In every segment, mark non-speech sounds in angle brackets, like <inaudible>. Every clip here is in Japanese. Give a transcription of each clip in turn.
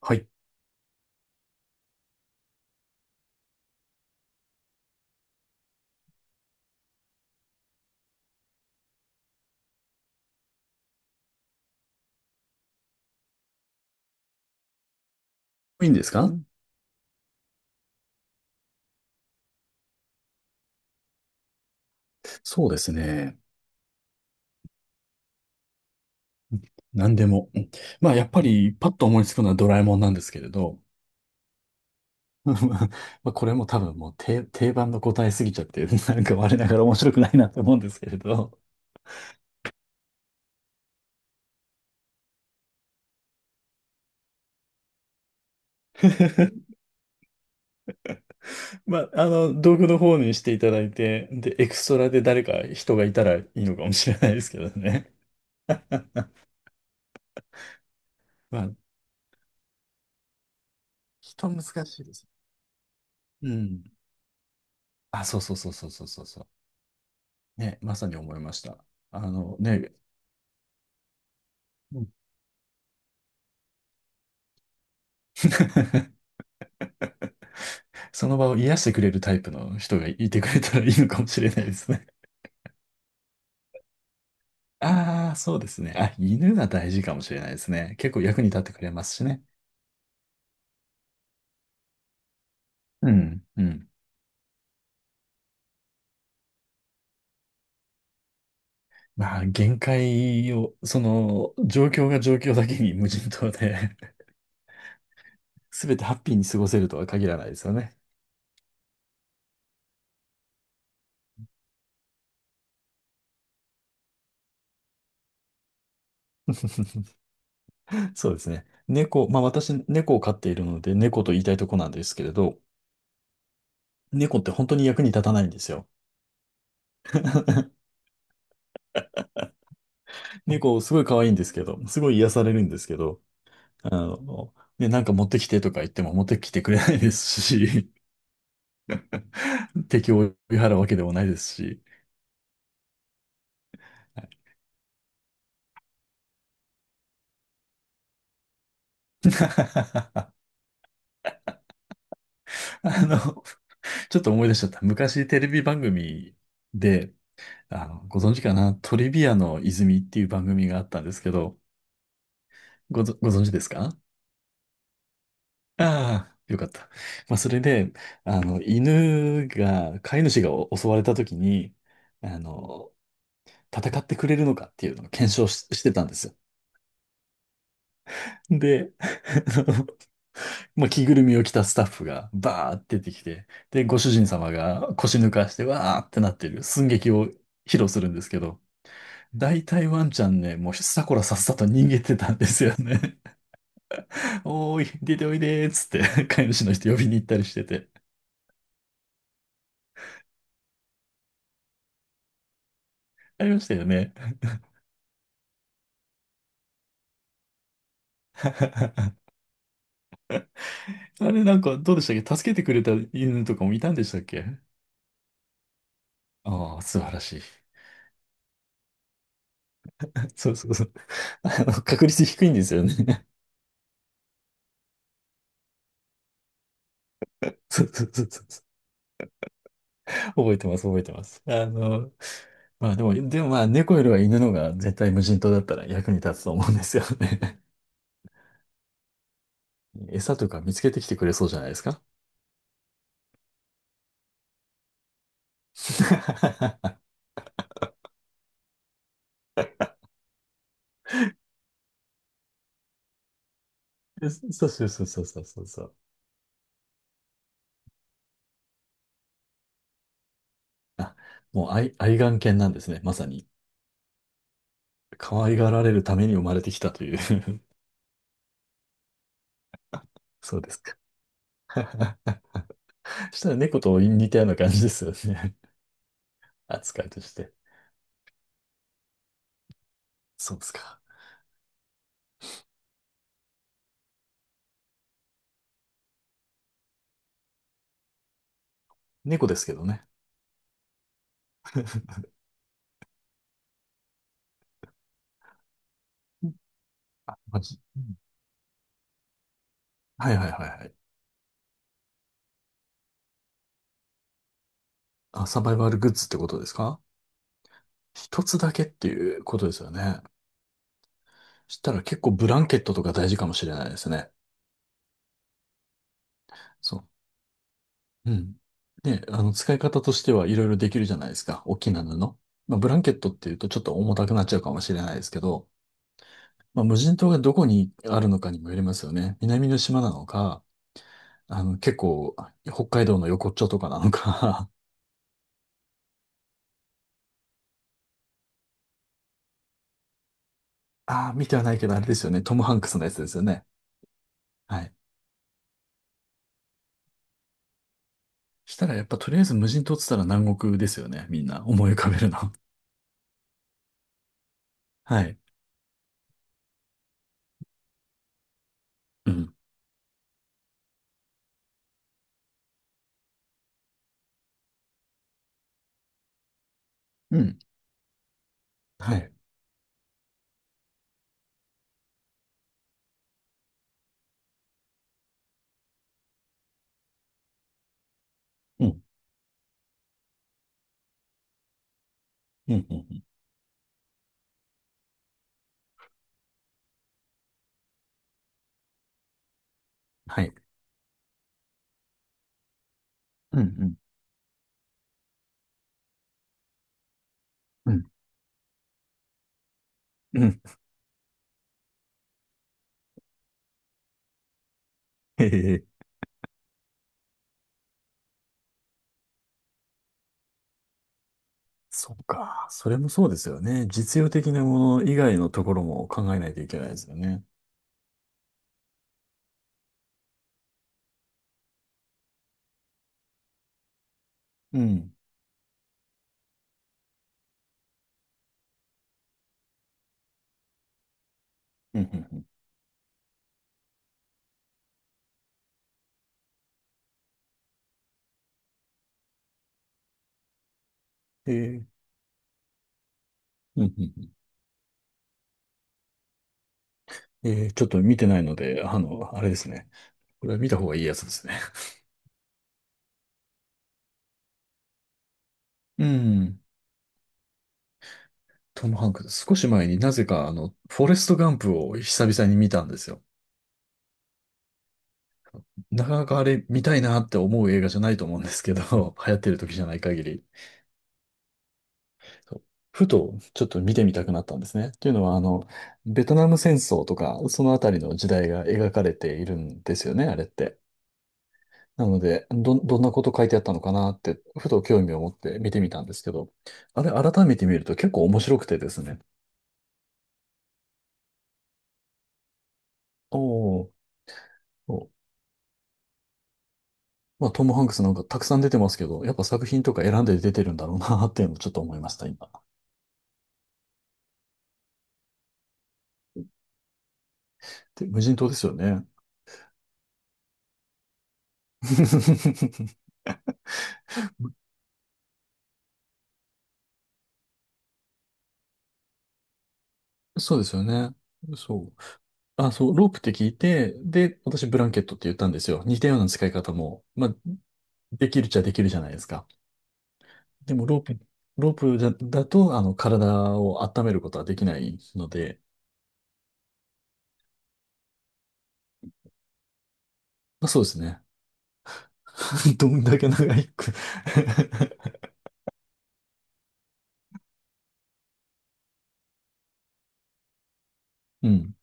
はい。いいんですうかん。そうですね。何でも。うん。まあ、やっぱり、パッと思いつくのはドラえもんなんですけれど、<laughs> まあ、これも多分もう定番の答えすぎちゃって、なんか我ながら面白くないなと思うんですけれど。<laughs> まあ、道具の方にしていただいて、で、エクストラで誰か人がいたらいいのかもしれないですけどね。<laughs> まあ、人難しいです。うん。あ、そうそうそうそうそうそうそう。ね、まさに思いました。あのね、うん。 <laughs> その場を癒してくれるタイプの人がいてくれたらいいのかもしれないですね。ああ、そうですね。あ、犬が大事かもしれないですね。結構役に立ってくれますしね。うん、うん。まあ、限界を、その、状況が状況だけに無人島で、 <laughs> 全てハッピーに過ごせるとは限らないですよね。<laughs> そうですね。猫、まあ私、猫を飼っているので、猫と言いたいとこなんですけれど、猫って本当に役に立たないんですよ。猫、すごい可愛いんですけど、すごい癒されるんですけど、なんか持ってきてとか言っても持ってきてくれないですし、<laughs> 敵を追い払うわけでもないですし、はい。 <laughs> あの、ちょっと思い出しちゃった。昔テレビ番組で、あの、ご存知かな、トリビアの泉っていう番組があったんですけど、ご存知ですか？ああ、よかった。まあ、それで、あの、飼い主がお襲われた時に、あの、戦ってくれるのかっていうのを検証し、してたんですよ。で、<laughs> まあ着ぐるみを着たスタッフがバーって出てきて、で、ご主人様が腰抜かしてわーってなってる寸劇を披露するんですけど、大体ワンちゃんね、もうさこらさっさと逃げてたんですよね。<laughs> おーい、出ておいでーっつって、飼い主の人呼びに行ったりしてて。ありましたよね。あれなんかどうでしたっけ？助けてくれた犬とかもいたんでしたっけ？ああー、素晴らしい。<laughs> そうそうそう。あの、確率低いんですよね。<laughs> そうそうそうそう。覚えてます、覚えてます。あの、でもまあ猫よりは犬のが絶対無人島だったら役に立つと思うんですよね。<laughs> 餌とか見つけてきてくれそうじゃないですか？ <laughs> そうそうそうそうそうそうそう。あ、もう愛玩犬なんですね。まさに。可愛がられるために生まれてきたという。 <laughs> そうですか。<laughs> そしたら猫と似たような感じですよね。<laughs> 扱いとして。そうですか。猫ですけどね。うん、まあじうん、はいはいはいはい。あ、サバイバルグッズってことですか？一つだけっていうことですよね。したら結構ブランケットとか大事かもしれないですね。そう。うん。で、あの、使い方としてはいろいろできるじゃないですか。大きな布。まあ、ブランケットっていうとちょっと重たくなっちゃうかもしれないですけど、まあ、無人島がどこにあるのかにもよりますよね。南の島なのか、あの、結構、北海道の横っちょとかなのか。<laughs> ああ、見てはないけど、あれですよね。トム・ハンクスのやつですよね。はい。したらやっぱとりあえず無人島って言ったら南国ですよね。みんな思い浮かべるの。<laughs> はい。うん。うん。はい。うん。うん。うん。はい。うん。うん。うん。へえ。そっか。それもそうですよね。実用的なもの以外のところも考えないといけないですよね。うん。うん。うんうん。へえ。うん。うんうん。へえ。ちょっと見てないので、あの、あれですね。これは見た方がいいやつですね。うん。トム・ハンクス。少し前になぜか、あの、フォレスト・ガンプを久々に見たんですよ。なかなかあれ見たいなって思う映画じゃないと思うんですけど、<laughs> 流行ってる時じゃない限り。そう、ふとちょっと見てみたくなったんですね。というのは、あの、ベトナム戦争とか、そのあたりの時代が描かれているんですよね、あれって。なので、どんなこと書いてあったのかなって、ふと興味を持って見てみたんですけど、あれ、改めて見ると結構面白くてですね。おー、おー、まあ、トム・ハンクスなんかたくさん出てますけど、やっぱ作品とか選んで出てるんだろうなっていうのをちょっと思いました、今。で、無人島ですよね。<laughs> そうですよね。そう。あ、そう、ロープって聞いて、で、私ブランケットって言ったんですよ。似たような使い方も、まあ、できるっちゃできるじゃないですか。でもロープじゃだと、あの、体を温めることはできないので、まあ、そうですね。<laughs> どんだけ長いく。 <laughs> うん、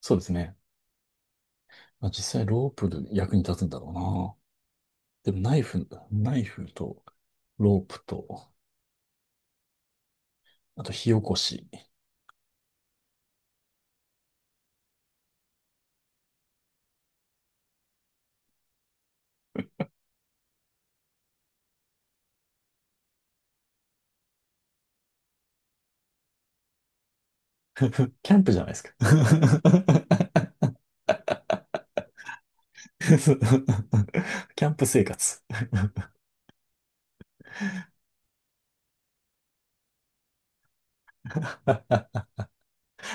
そうですね。まあ、実際ロープで役に立つんだろうな。でもナイフとロープと、あと火起こし。キャンプじゃないですか。<laughs> そう、キャンプ生活。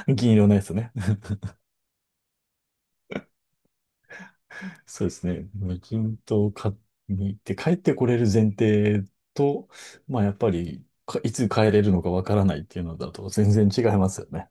銀色のやつね。<laughs> そうですね。無人島を買って帰ってこれる前提と、まあやっぱりかいつ帰れるのかわからないっていうのだと全然違いますよね。